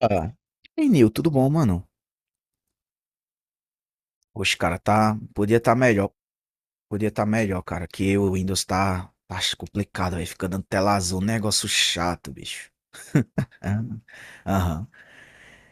Ah. Ei, Nil, tudo bom, mano? Oxe, cara, tá. Podia tá melhor. Podia tá melhor, cara. Que o Windows tá. Tá complicado, aí fica dando tela azul, um negócio chato, bicho. Ah. Aham.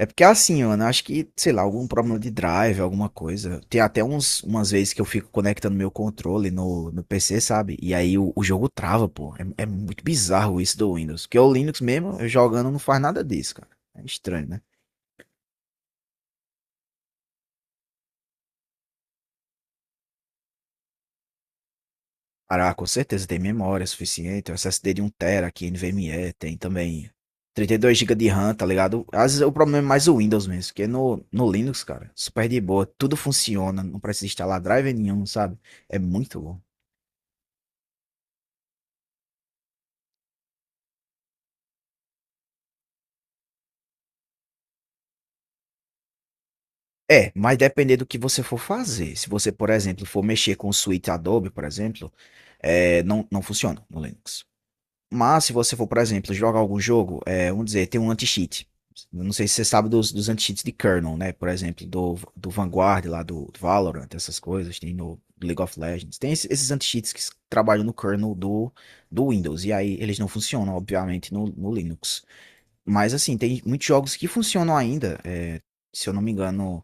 É porque é assim, mano, eu acho que, sei lá, algum problema de drive, alguma coisa. Tem até uns, umas vezes que eu fico conectando meu controle no PC, sabe? E aí o jogo trava, pô. É, é muito bizarro isso do Windows. Porque o Linux mesmo, eu jogando, não faz nada disso, cara. É estranho, né? Cara, ah, com certeza tem memória suficiente, o SSD de um tera aqui, NVMe, tem também 32 GB de RAM, tá ligado? Às vezes é o problema é mais o Windows mesmo, porque no Linux, cara, super de boa, tudo funciona, não precisa instalar driver nenhum, sabe? É muito bom. É, mas depender do que você for fazer. Se você, por exemplo, for mexer com o suíte Adobe, por exemplo, é, não funciona no Linux. Mas se você for, por exemplo, jogar algum jogo, é, vamos dizer, tem um anti-cheat. Eu não sei se você sabe dos anti-cheats de kernel, né? Por exemplo, do Vanguard lá, do Valorant, essas coisas, tem no League of Legends. Tem esses anti-cheats que trabalham no kernel do Windows. E aí eles não funcionam, obviamente, no Linux. Mas assim, tem muitos jogos que funcionam ainda. É, se eu não me engano,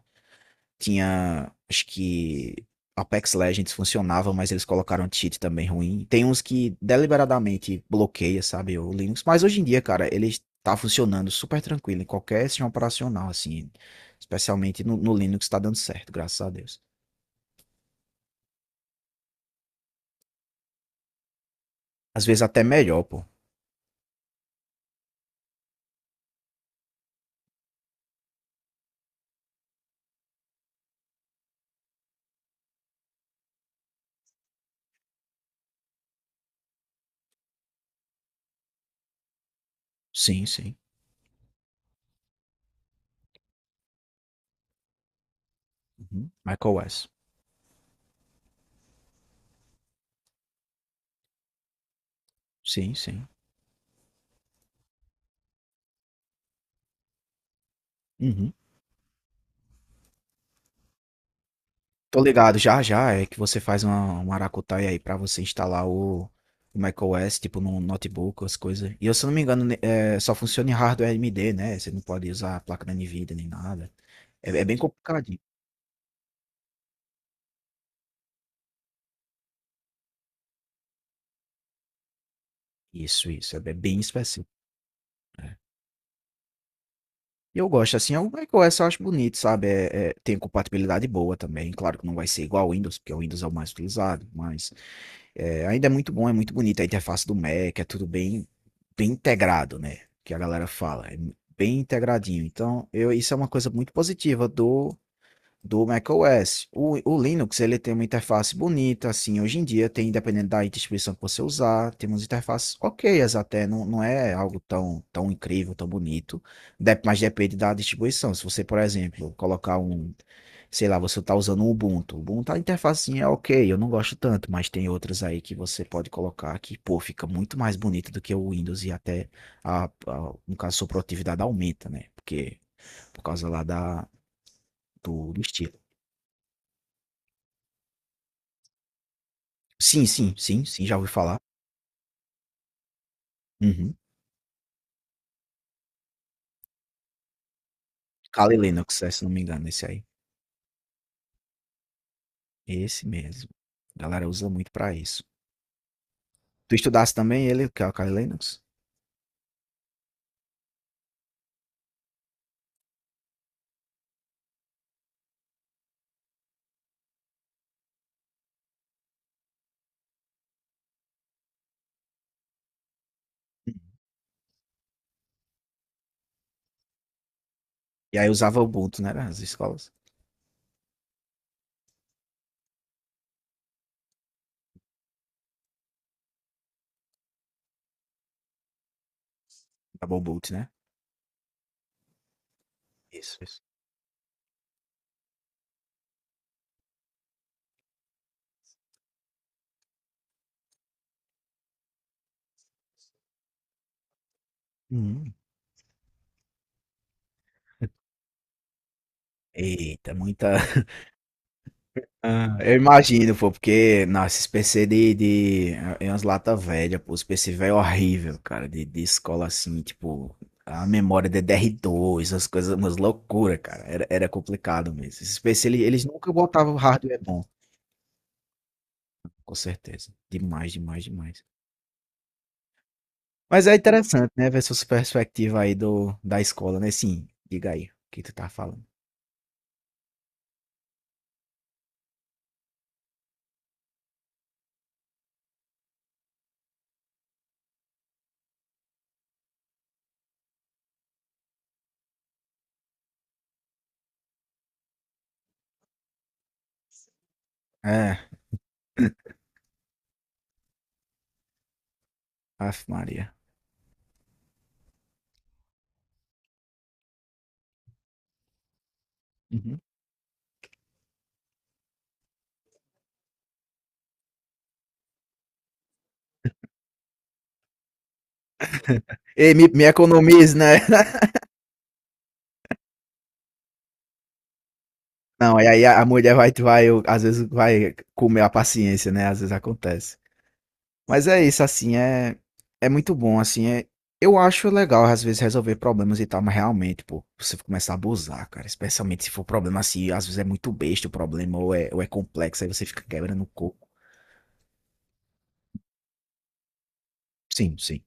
tinha, acho que Apex Legends funcionava, mas eles colocaram um cheat também ruim. Tem uns que deliberadamente bloqueia, sabe, o Linux. Mas hoje em dia, cara, ele tá funcionando super tranquilo em qualquer sistema operacional, assim. Especialmente no Linux tá dando certo, graças a Deus. Às vezes até melhor, pô. Sim, sim. Uhum. macOS. Sim, sim. Uhum. Tô ligado, já já é que você faz uma Aracutaia aí pra você instalar o macOS, tipo no notebook, as coisas. E eu, se eu não me engano, é, só funciona em hardware AMD, né? Você não pode usar a placa da NVIDIA nem nada. É, é bem complicadinho. Isso, é bem bem específico. É. E eu gosto, assim, o macOS eu acho bonito, sabe? É, é, tem compatibilidade boa também. Claro que não vai ser igual ao Windows, porque o Windows é o mais utilizado, mas é, ainda é muito bom, é muito bonito a interface do Mac, é tudo bem, bem integrado, né? Que a galera fala, é bem integradinho. Então, eu, isso é uma coisa muito positiva do macOS. O Linux ele tem uma interface bonita, assim, hoje em dia tem, independente da distribuição que você usar, tem umas interfaces ok até, não, não é algo tão, tão incrível, tão bonito, mas depende da distribuição. Se você, por exemplo, colocar um, sei lá, você está usando um Ubuntu, o Ubuntu a interfacinha é ok, eu não gosto tanto, mas tem outras aí que você pode colocar que, pô, fica muito mais bonito do que o Windows e até, no caso, a sua produtividade aumenta, né? Porque, por causa lá da, do estilo. Sim, sim, sim, sim, já ouvi falar. Uhum. Kali Linux, é, se não me engano, esse aí. Esse mesmo. A galera usa muito pra isso. Tu estudasse também ele, que é o Kali Linux? Uhum. E aí usava o Ubuntu, né, as escolas? Double boot, né? Isso, isso. Uhum. Eita, muita. Ah, eu imagino, pô, porque, nossa, esses PC de, é umas lata velha, pô, os PC velho é horrível, cara, de escola assim, tipo, a memória DDR2, as coisas, umas loucura, cara, era, era complicado mesmo. Esses PC, eles, nunca botavam hardware bom, com certeza, demais, demais, demais. Mas é interessante, né, ver essa perspectiva aí do, da escola, né, sim, diga aí, o que tu tá falando. É, Ave Maria. Uhum. Ei, me economize, né? Não, e aí a mulher vai, vai, às vezes vai comer a paciência, né? Às vezes acontece. Mas é isso, assim, é, é muito bom, assim, é, eu acho legal às vezes resolver problemas e tal, mas realmente, pô, você começa a abusar, cara, especialmente se for problema assim, às vezes é muito besta o problema, ou é complexo, aí você fica quebrando o coco. Sim, sim.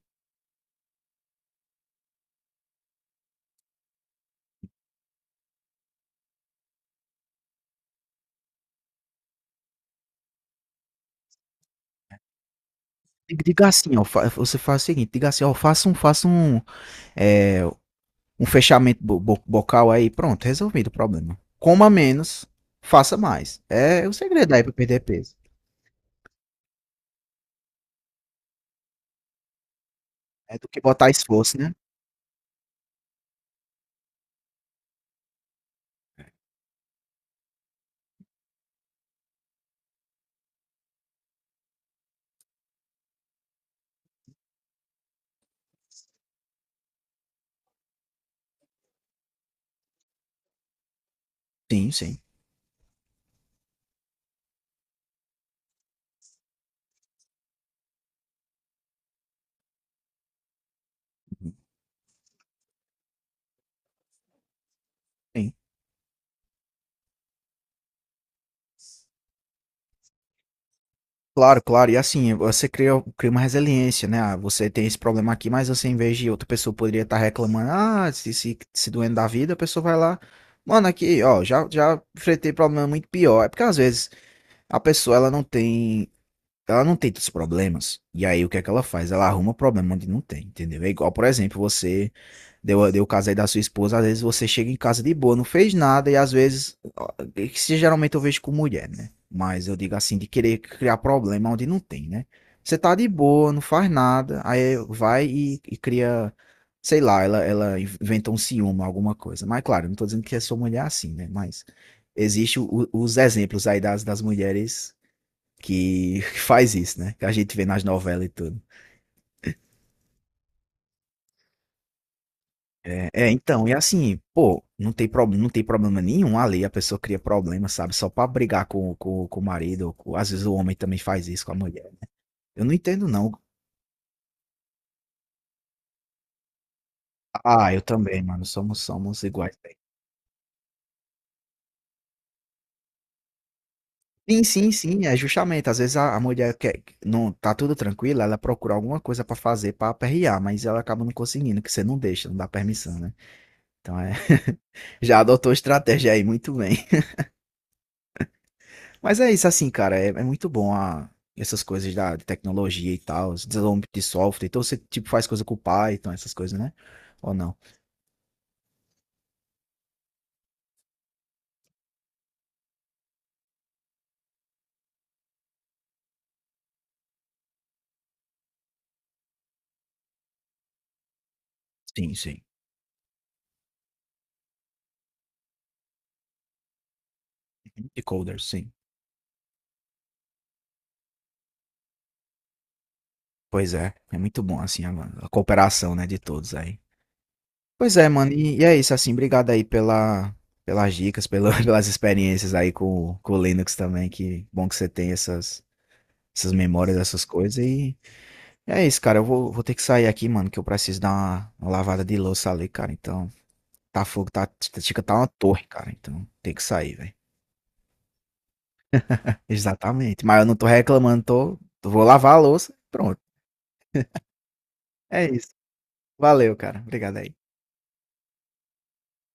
Diga assim, ó, você faz o seguinte, diga assim, ó, faça um, é, um fechamento bocal aí, pronto, resolvido o problema. Coma menos, faça mais. É o segredo aí para perder peso. É do que botar esforço, né? Sim, sim, sim. Claro, claro. E assim, você cria, cria uma resiliência, né? Ah, você tem esse problema aqui, mas você, em vez de outra pessoa poderia estar reclamando, ah, se doendo da vida, a pessoa vai lá. Mano, aqui, ó, já, já enfrentei problema muito pior. É porque às vezes a pessoa ela não tem tantos problemas. E aí o que é que ela faz? Ela arruma problema onde não tem, entendeu? É igual, por exemplo, você deu o caso aí da sua esposa, às vezes você chega em casa de boa, não fez nada, e às vezes, ó, é que geralmente eu vejo com mulher, né? Mas eu digo assim, de querer criar problema onde não tem, né? Você tá de boa, não faz nada, aí vai e cria, sei lá, ela inventa um ciúme, alguma coisa. Mas claro, eu não tô dizendo que a sua mulher é assim, né? Mas existe os exemplos aí das mulheres que faz isso, né? Que a gente vê nas novelas e tudo. É, é, então, e assim, pô, não tem, pro, não tem problema nenhum ali, a pessoa cria problema, sabe? Só pra brigar com o marido, ou às vezes o homem também faz isso com a mulher, né? Eu não entendo, não. Ah, eu também, mano, somos, somos iguais. Né? Sim, sim, sim, é justamente, às vezes a mulher quer, não, tá tudo tranquilo, ela procura alguma coisa pra fazer pra aperrear, mas ela acaba não conseguindo, que você não deixa, não dá permissão, né? Então é, já adotou estratégia aí, muito bem. Mas é isso, assim, cara, é, é muito bom essas coisas da de tecnologia e tal, os desenvolvimento de software. Então você, tipo, faz coisa com o Python, essas coisas, né? Ou não? Sim, sim. E coders sim. Pois é, é muito bom, assim, a cooperação, né, de todos aí. Pois é, mano, e é isso, assim, obrigado aí pela, pelas dicas, pela, pelas experiências aí com o Linux também, que bom que você tem essas, essas memórias, essas coisas, e é isso, cara, eu vou, vou ter que sair aqui, mano, que eu preciso dar uma lavada de louça ali, cara, então... Tá fogo, tá, tá, chega tá uma torre, cara. Então tem que sair, velho. Exatamente. Mas eu não tô reclamando, tô, vou lavar a louça. Pronto. É isso. Valeu, cara. Obrigado aí.